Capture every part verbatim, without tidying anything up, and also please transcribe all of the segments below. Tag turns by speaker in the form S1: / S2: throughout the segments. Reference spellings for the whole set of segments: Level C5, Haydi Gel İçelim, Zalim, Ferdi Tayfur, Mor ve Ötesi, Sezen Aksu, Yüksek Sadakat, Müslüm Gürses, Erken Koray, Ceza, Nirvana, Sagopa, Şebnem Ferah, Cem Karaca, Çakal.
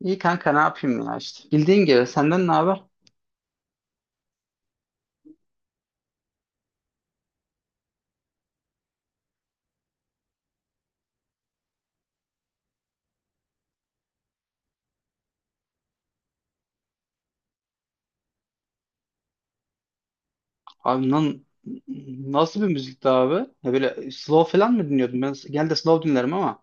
S1: İyi kanka ne yapayım ya işte. Bildiğin gibi senden ne haber? Abi lan, nasıl bir müzikti abi? Ya böyle slow falan mı dinliyordun? Ben genelde slow dinlerim ama.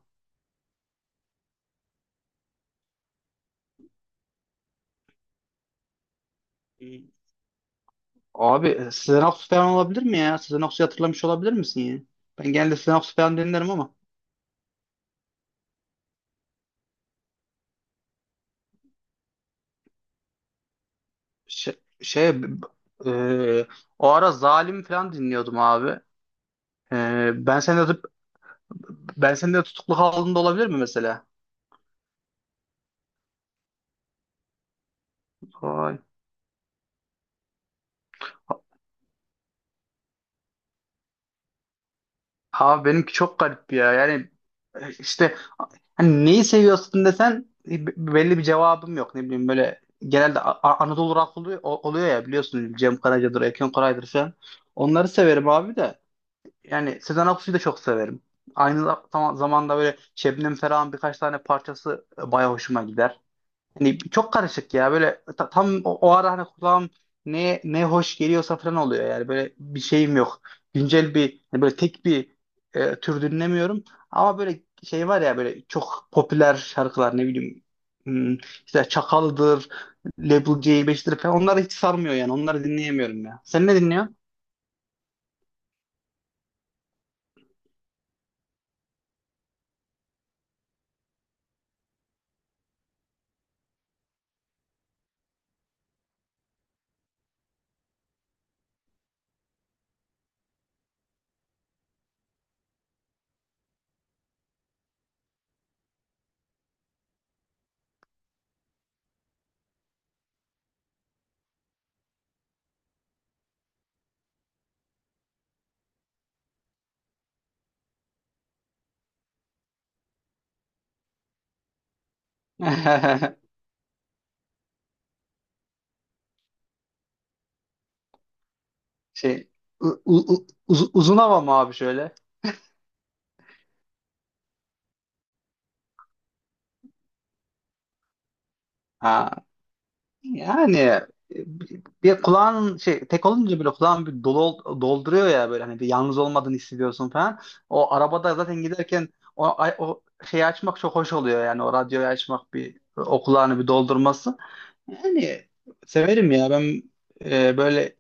S1: Hmm. Abi, Sezen Aksu falan olabilir mi ya? Sezen Aksu'yu hatırlamış olabilir misin ya? Ben genelde Sezen Aksu falan dinlerim ama. Şey, şey b- b- e, O ara Zalim falan dinliyordum abi. E, ben seni de ben seni de tutuklu halinde olabilir mi mesela? Vay. Abi, benimki çok garip ya. Yani, e, işte hani neyi seviyorsun desen e, b- belli bir cevabım yok. Ne bileyim, böyle genelde A- A- Anadolu rock oluyor, o- oluyor ya, biliyorsun, Cem Karaca'dır, Erken Koray'dır falan. Onları severim abi de. Yani Sezen Aksu'yu da çok severim. Aynı za- zam- zamanda böyle Şebnem Ferah'ın birkaç tane parçası e, baya hoşuma gider. Hani çok karışık ya böyle, ta- tam o, o ara, hani kulağım ne ne hoş geliyorsa falan oluyor yani, böyle bir şeyim yok. Güncel, bir hani böyle tek bir e, tür dinlemiyorum, ama böyle şey var ya, böyle çok popüler şarkılar, ne bileyim, hmm, işte Çakal'dır, Level C beş'tir falan, onları hiç sarmıyor yani, onları dinleyemiyorum ya. Sen ne dinliyorsun? Şey u- u- u- uz- Uzun hava mı abi şöyle? Yani, e, bir kulağın şey tek olunca böyle kulağın bir dolu, dolduruyor ya, böyle hani bir yalnız olmadığını hissediyorsun falan. O arabada zaten giderken o, o şeyi açmak çok hoş oluyor yani, o radyoyu açmak, bir o kulağını bir doldurması. Yani severim ya ben, e, böyle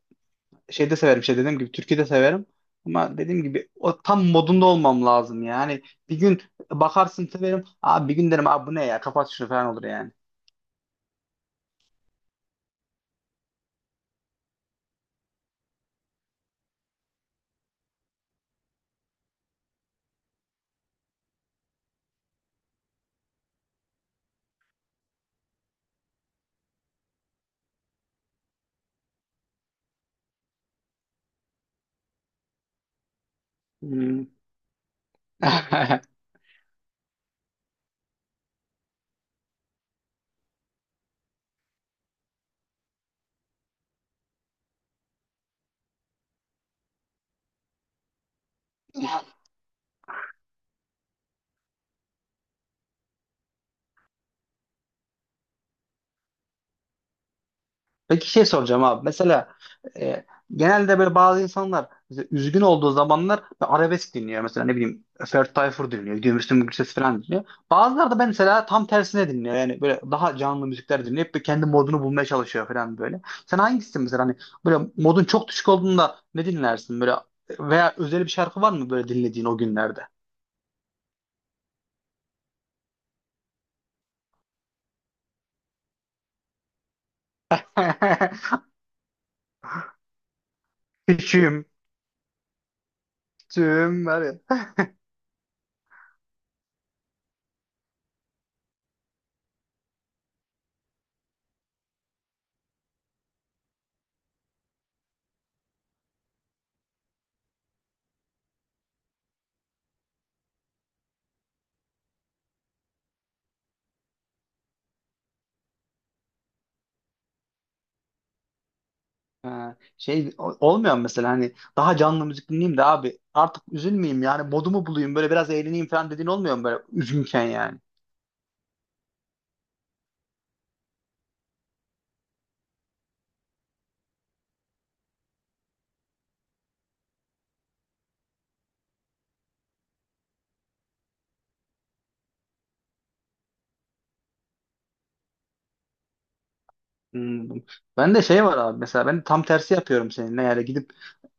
S1: şeyde severim, şey dediğim gibi türkü de severim. Ama dediğim gibi o tam modunda olmam lazım yani. Bir gün bakarsın severim. Abi, bir gün derim, abi bu ne ya, kapat şunu falan olur yani. Hmm. Peki şey soracağım abi. Mesela, e, genelde böyle bazı insanlar mesela üzgün olduğu zamanlar arabesk dinliyor. Mesela ne bileyim Ferdi Tayfur dinliyor. Gidiyor Müslüm Gürses falan dinliyor. Bazıları da mesela tam tersine dinliyor. Yani böyle daha canlı müzikler dinleyip bir kendi modunu bulmaya çalışıyor falan böyle. Sen hangisisin mesela, hani böyle modun çok düşük olduğunda ne dinlersin? Böyle veya özel bir şarkı var mı böyle dinlediğin o günlerde? Küçüğüm tüm. Ha, şey o- olmuyor mu mesela, hani daha canlı müzik dinleyeyim de abi artık üzülmeyeyim yani, modumu bulayım, böyle biraz eğleneyim falan dediğin olmuyor mu böyle üzgünken yani? Hmm. Ben de şey var abi, mesela ben tam tersi yapıyorum seninle yani, gidip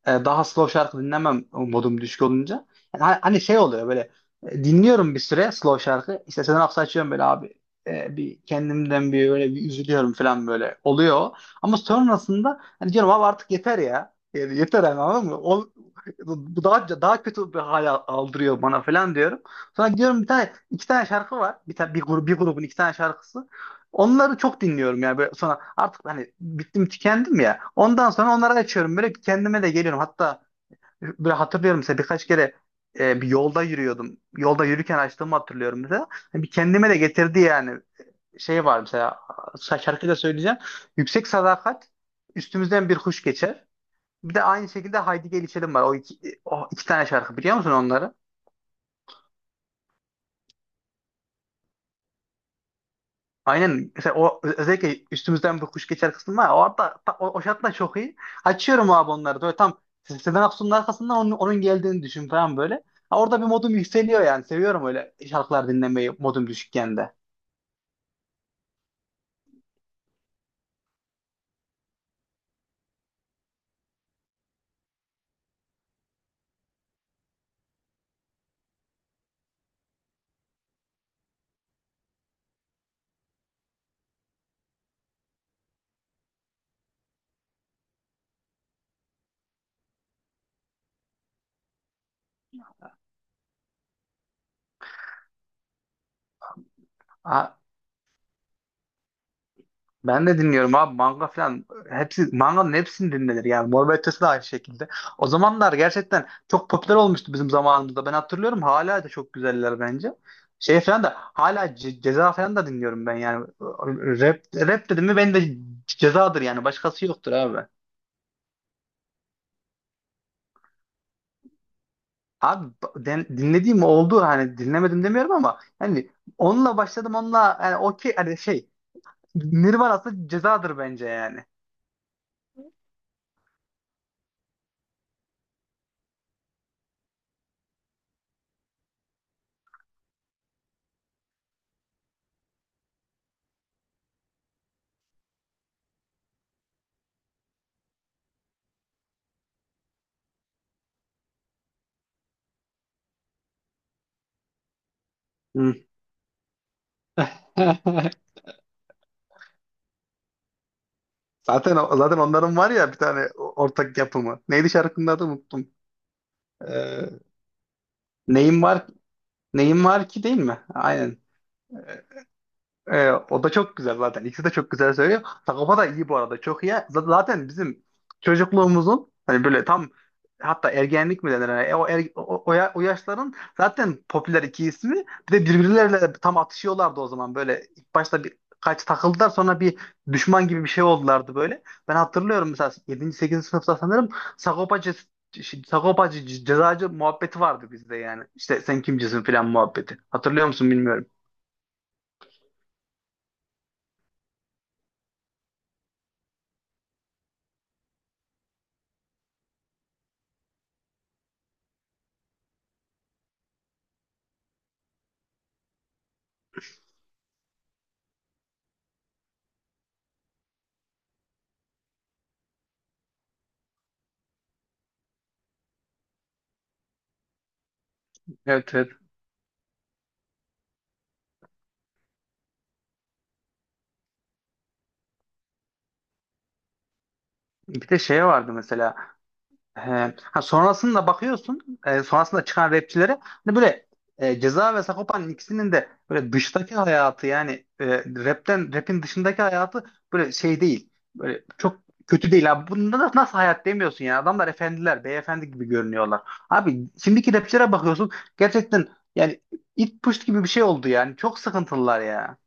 S1: e, daha slow şarkı dinlemem modum düşük olunca. Yani ha- hani şey oluyor böyle, e, dinliyorum bir süre slow şarkı. İşte Sezen Aksu açıyorum böyle, abi e, bir kendimden bir böyle bir üzülüyorum falan böyle oluyor. Ama sonrasında hani diyorum abi artık yeter ya. Yani yeter yani, anladın mı? Ol- bu daha daha kötü bir hal aldırıyor bana falan diyorum. Sonra gidiyorum, bir tane iki tane şarkı var. Bir tane, bir, grup, bir grubun iki tane şarkısı. Onları çok dinliyorum yani, böyle sonra artık hani bittim tükendim ya. Ondan sonra onları açıyorum, böyle bir kendime de geliyorum. Hatta böyle hatırlıyorum mesela birkaç kere, e, bir yolda yürüyordum. Yolda yürürken açtığımı hatırlıyorum mesela. Hani bir kendime de getirdi yani, şey var mesela, şa- şarkıyı da söyleyeceğim. Yüksek Sadakat, üstümüzden bir kuş geçer. Bir de aynı şekilde Haydi Gel İçelim var. O iki, o iki tane şarkı biliyor musun onları? Aynen. Mesela o özellikle üstümüzden bir kuş geçer kısmı var ya. Orada ta- o, o şartlar çok iyi. Açıyorum abi onları. Böyle tam Sezen Aksu'nun arkasından onun, onun geldiğini düşün falan böyle. Ha, orada bir modum yükseliyor yani. Seviyorum öyle şarkılar dinlemeyi modum düşükken de. Ben de dinliyorum abi, manga falan. Hepsi manganın, hepsini dinlenir yani. Mor ve Ötesi de aynı şekilde. O zamanlar gerçekten çok popüler olmuştu bizim zamanımızda. Ben hatırlıyorum, hala da çok güzeller bence. Şey falan da hala Ce- Ceza falan da dinliyorum ben yani. Rap, rap dedim mi, ben de Cezadır yani. Başkası yoktur abi. Abi, den- dinlediğim oldu, hani dinlemedim demiyorum, ama hani onunla başladım, onunla yani, okey, hani şey, Nirvana'sı Cezadır bence yani. Hı. Zaten zaten onların var ya bir tane ortak yapımı. Neydi şarkının adı, unuttum. Ee, neyim var Neyim var ki, değil mi? Aynen. Ee, Ee, o da çok güzel zaten. İkisi de çok güzel söylüyor. Sagopa da iyi bu arada. Çok iyi. Z- Zaten bizim çocukluğumuzun, hani böyle tam, hatta ergenlik mi denir? Yani o, er- o, o, ya- o yaşların zaten popüler iki ismi. Bir de birbirleriyle tam atışıyorlardı o zaman. Böyle ilk başta bir kaç takıldılar, sonra bir düşman gibi bir şey oldulardı böyle. Ben hatırlıyorum mesela, yedinci. sekizinci sınıfta sanırım Sagopacı Sagopacı ce- cezacı muhabbeti vardı bizde yani. İşte sen kimcisin falan muhabbeti. Hatırlıyor musun bilmiyorum. Evet, evet. Bir de şey vardı mesela. e, ha sonrasında bakıyorsun. E, sonrasında çıkan rapçilere, hani böyle e, Ceza ve Sagopa'nın ikisinin de böyle dıştaki hayatı yani, e, rapten rapin dışındaki hayatı böyle şey değil. Böyle çok kötü değil abi. Bunda da nasıl hayat demiyorsun ya. Adamlar efendiler, beyefendi gibi görünüyorlar. Abi şimdiki rapçilere bakıyorsun. Gerçekten yani, it push gibi bir şey oldu yani. Çok sıkıntılılar ya.